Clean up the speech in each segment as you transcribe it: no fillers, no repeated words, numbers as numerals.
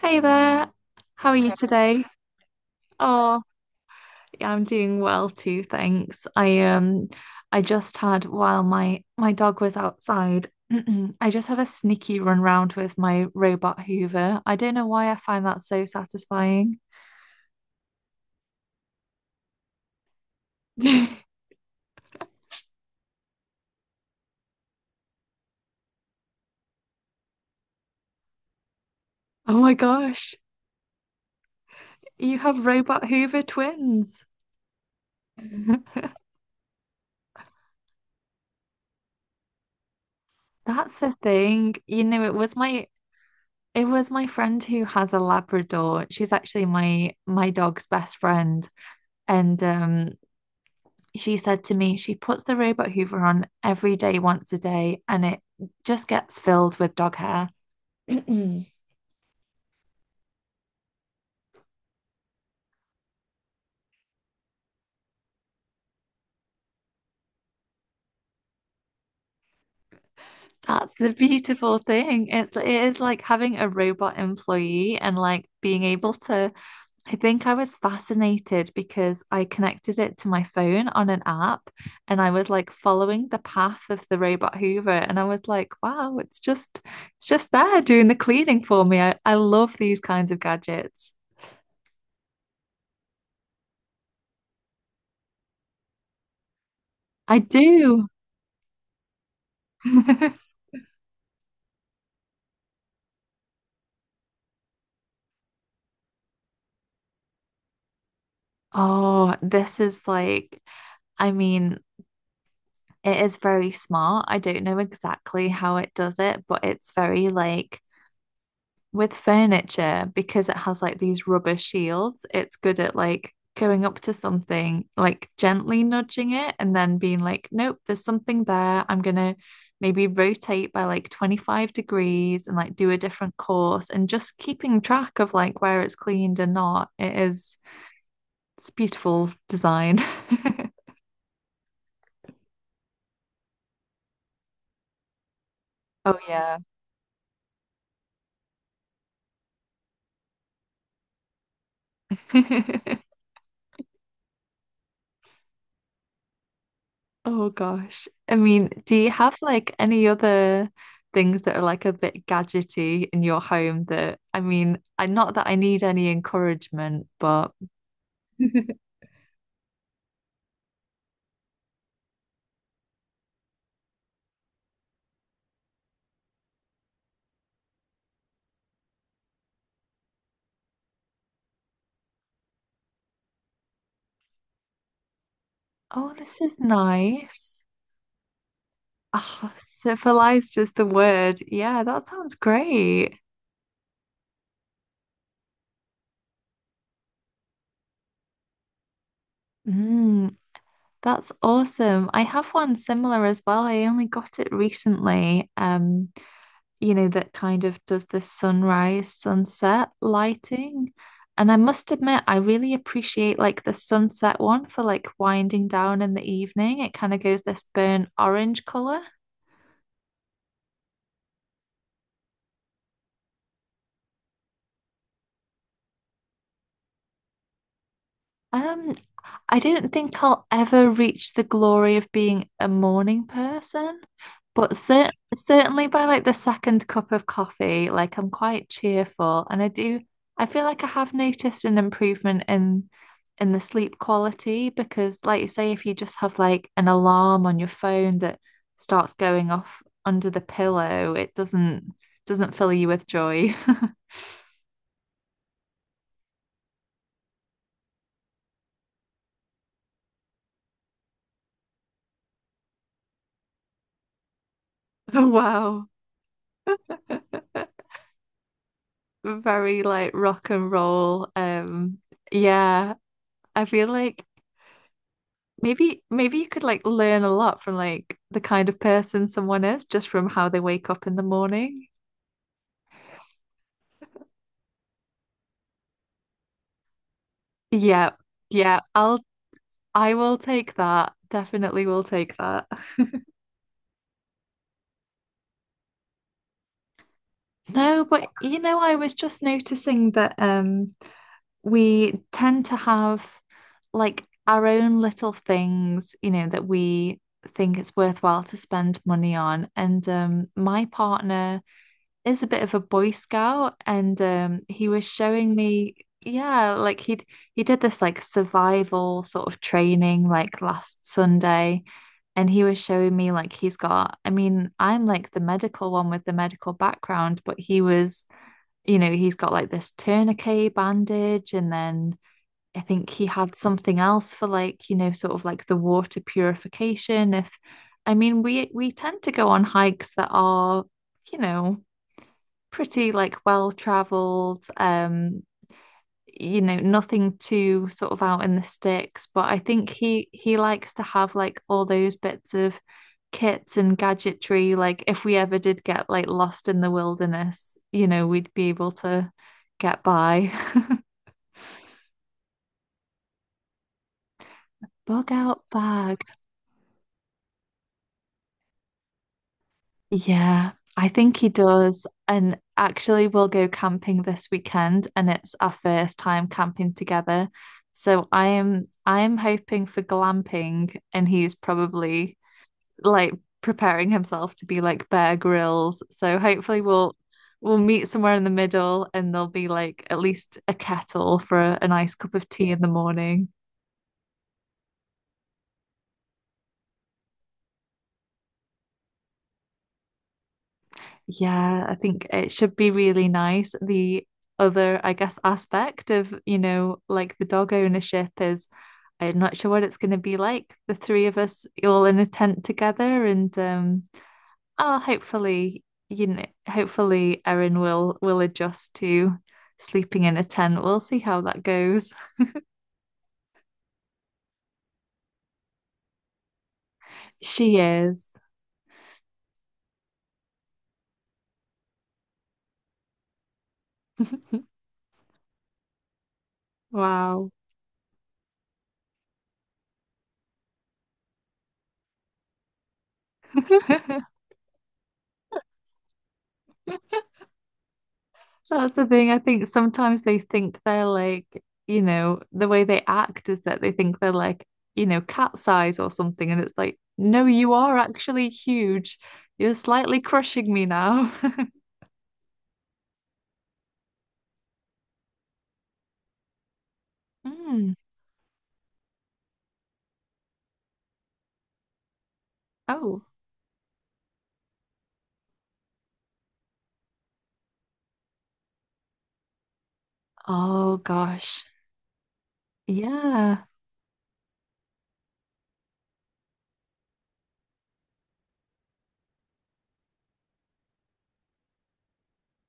Hey there, how are you Hey. Today? Oh, yeah, I'm doing well too, thanks. I, I just had while my dog was outside, I just had a sneaky run round with my robot Hoover. I don't know why I find that so satisfying. Oh my gosh, you have robot Hoover twins. That's the thing. You know, it was my friend who has a Labrador. She's actually my dog's best friend. And she said to me, she puts the robot hoover on every day, once a day, and it just gets filled with dog hair. That's the beautiful thing. It is like having a robot employee and like being able to I think I was fascinated because I connected it to my phone on an app and I was like following the path of the robot Hoover and I was like, wow, it's just there doing the cleaning for me. I love these kinds of gadgets. I do. Oh, this is like, I mean, it is very smart. I don't know exactly how it does it, but it's very like with furniture, because it has like these rubber shields, it's good at like going up to something, like gently nudging it, and then being like, nope, there's something there. I'm gonna maybe rotate by like 25 degrees and like do a different course, and just keeping track of like where it's cleaned and not. It's beautiful design. Oh, yeah. Oh gosh. I mean, do you have like any other things that are like a bit gadgety in your home that I mean, I not that I need any encouragement, but Oh, this is nice. Ah, civilized is the word. Yeah, that sounds great. Mm, that's awesome. I have one similar as well. I only got it recently. That kind of does the sunrise, sunset lighting. And I must admit, I really appreciate like the sunset one for like winding down in the evening. It kind of goes this burnt orange color. Um, I don't think I'll ever reach the glory of being a morning person, but certainly by like the second cup of coffee, like I'm quite cheerful and I feel like I have noticed an improvement in the sleep quality because like you say if you just have like an alarm on your phone that starts going off under the pillow, it doesn't fill you with joy. Oh, wow. Very like rock and roll. Yeah, I feel like maybe you could like learn a lot from like the kind of person someone is just from how they wake up in the morning. Yeah, yeah, I will take that. Definitely will take that. No, but I was just noticing that we tend to have like our own little things, that we think it's worthwhile to spend money on. And my partner is a bit of a Boy Scout, and he was showing me, yeah, like he did this like survival sort of training like last Sunday, and he was showing me like he's got, I mean, I'm like the medical one with the medical background, but he was you know, he's got like this tourniquet bandage and then I think he had something else for like, sort of like the water purification. If I mean, we tend to go on hikes that are, you know, pretty like well traveled, nothing too sort of out in the sticks, but I think he likes to have like all those bits of kits and gadgetry. Like if we ever did get like lost in the wilderness, we'd be able to get by. Bug out bag. Yeah, I think he does. And actually, we'll go camping this weekend, and it's our first time camping together. So I am hoping for glamping, and he's probably like preparing himself to be like Bear grills. So hopefully we'll meet somewhere in the middle, and there'll be like at least a kettle for a nice cup of tea in the morning. Yeah, I think it should be really nice. The other, I guess, aspect of, like the dog ownership is I'm not sure what it's going to be like. The three of us all in a tent together and oh, hopefully Erin will adjust to sleeping in a tent. We'll see how that goes. She is. Wow. That's the thing. I think sometimes they think they're like, the way they act is that they think they're like, cat size or something. And it's like, no, you are actually huge. You're slightly crushing me now. Mm. Oh. Oh gosh. Yeah.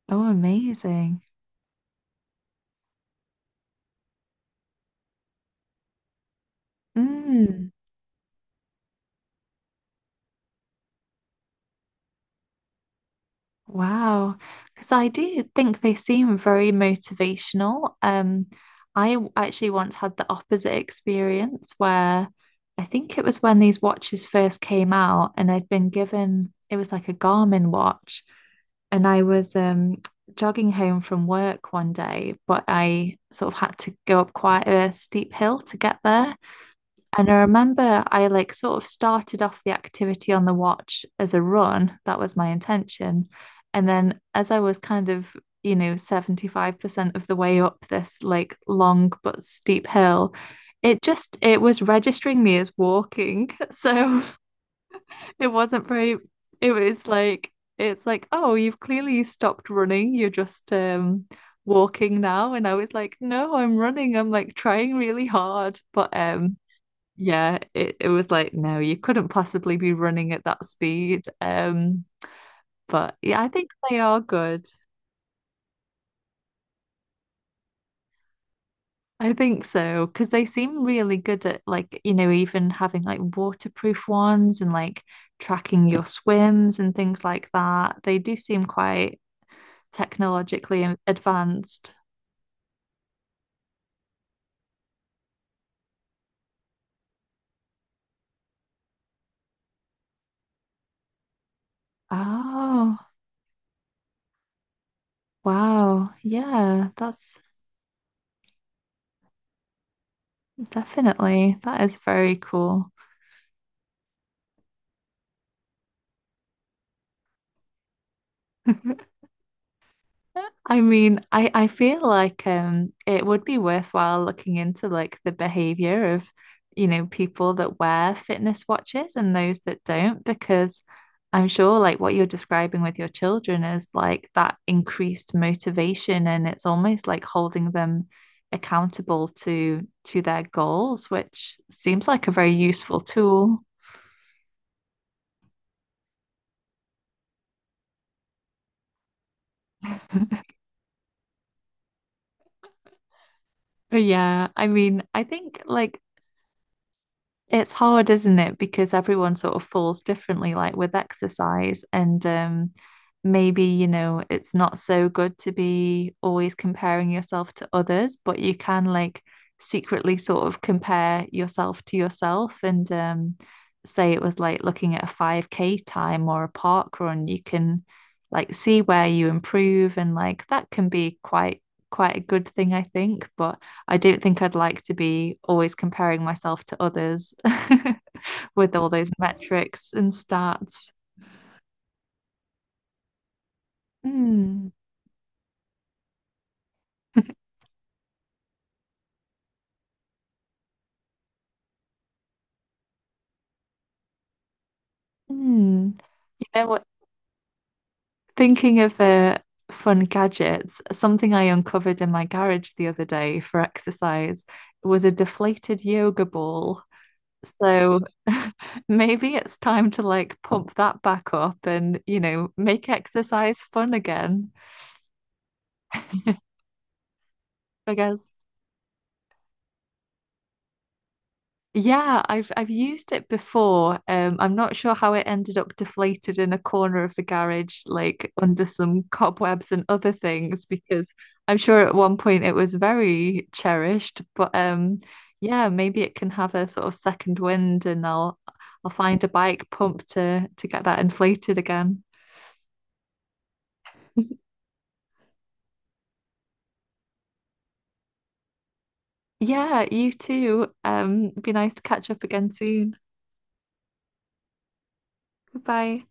Oh, amazing. Mm. Wow. Because I do think they seem very motivational. Actually once had the opposite experience where I think it was when these watches first came out, and I'd been given it was like a Garmin watch. And I was jogging home from work one day, but I sort of had to go up quite a steep hill to get there. And I remember I like sort of started off the activity on the watch as a run. That was my intention. And then as I was kind of, 75% of the way up this like long but steep hill, it was registering me as walking. So it wasn't very, it was like, it's like, oh, you've clearly stopped running. You're just walking now. And I was like, no, I'm running. I'm like trying really hard. But yeah, it was like, no, you couldn't possibly be running at that speed. But yeah, I think they are good. I think so, because they seem really good at like, even having like waterproof ones and like tracking your swims and things like that. They do seem quite technologically advanced. Oh, wow. Yeah, that is very cool. I mean, I feel like it would be worthwhile looking into like the behavior of, people that wear fitness watches and those that don't, because I'm sure like what you're describing with your children is like that increased motivation and it's almost like holding them accountable to their goals, which seems like a very useful tool. Yeah, I mean, I think like it's hard, isn't it? Because everyone sort of falls differently, like with exercise, and maybe, it's not so good to be always comparing yourself to others, but you can like secretly sort of compare yourself to yourself and say it was like looking at a 5K time or a park run, you can like see where you improve and like that can be quite a good thing, I think. But I don't think I'd like to be always comparing myself to others with all those metrics and stats. Mm, mm. You know what? Thinking of fun gadgets, something I uncovered in my garage the other day for exercise was a deflated yoga ball. So maybe it's time to like pump that back up and, make exercise fun again, I guess. Yeah, I've used it before. I'm not sure how it ended up deflated in a corner of the garage, like under some cobwebs and other things, because I'm sure at one point it was very cherished. But yeah, maybe it can have a sort of second wind, and I'll find a bike pump to get that inflated again. Yeah, you too. Be nice to catch up again soon. Goodbye.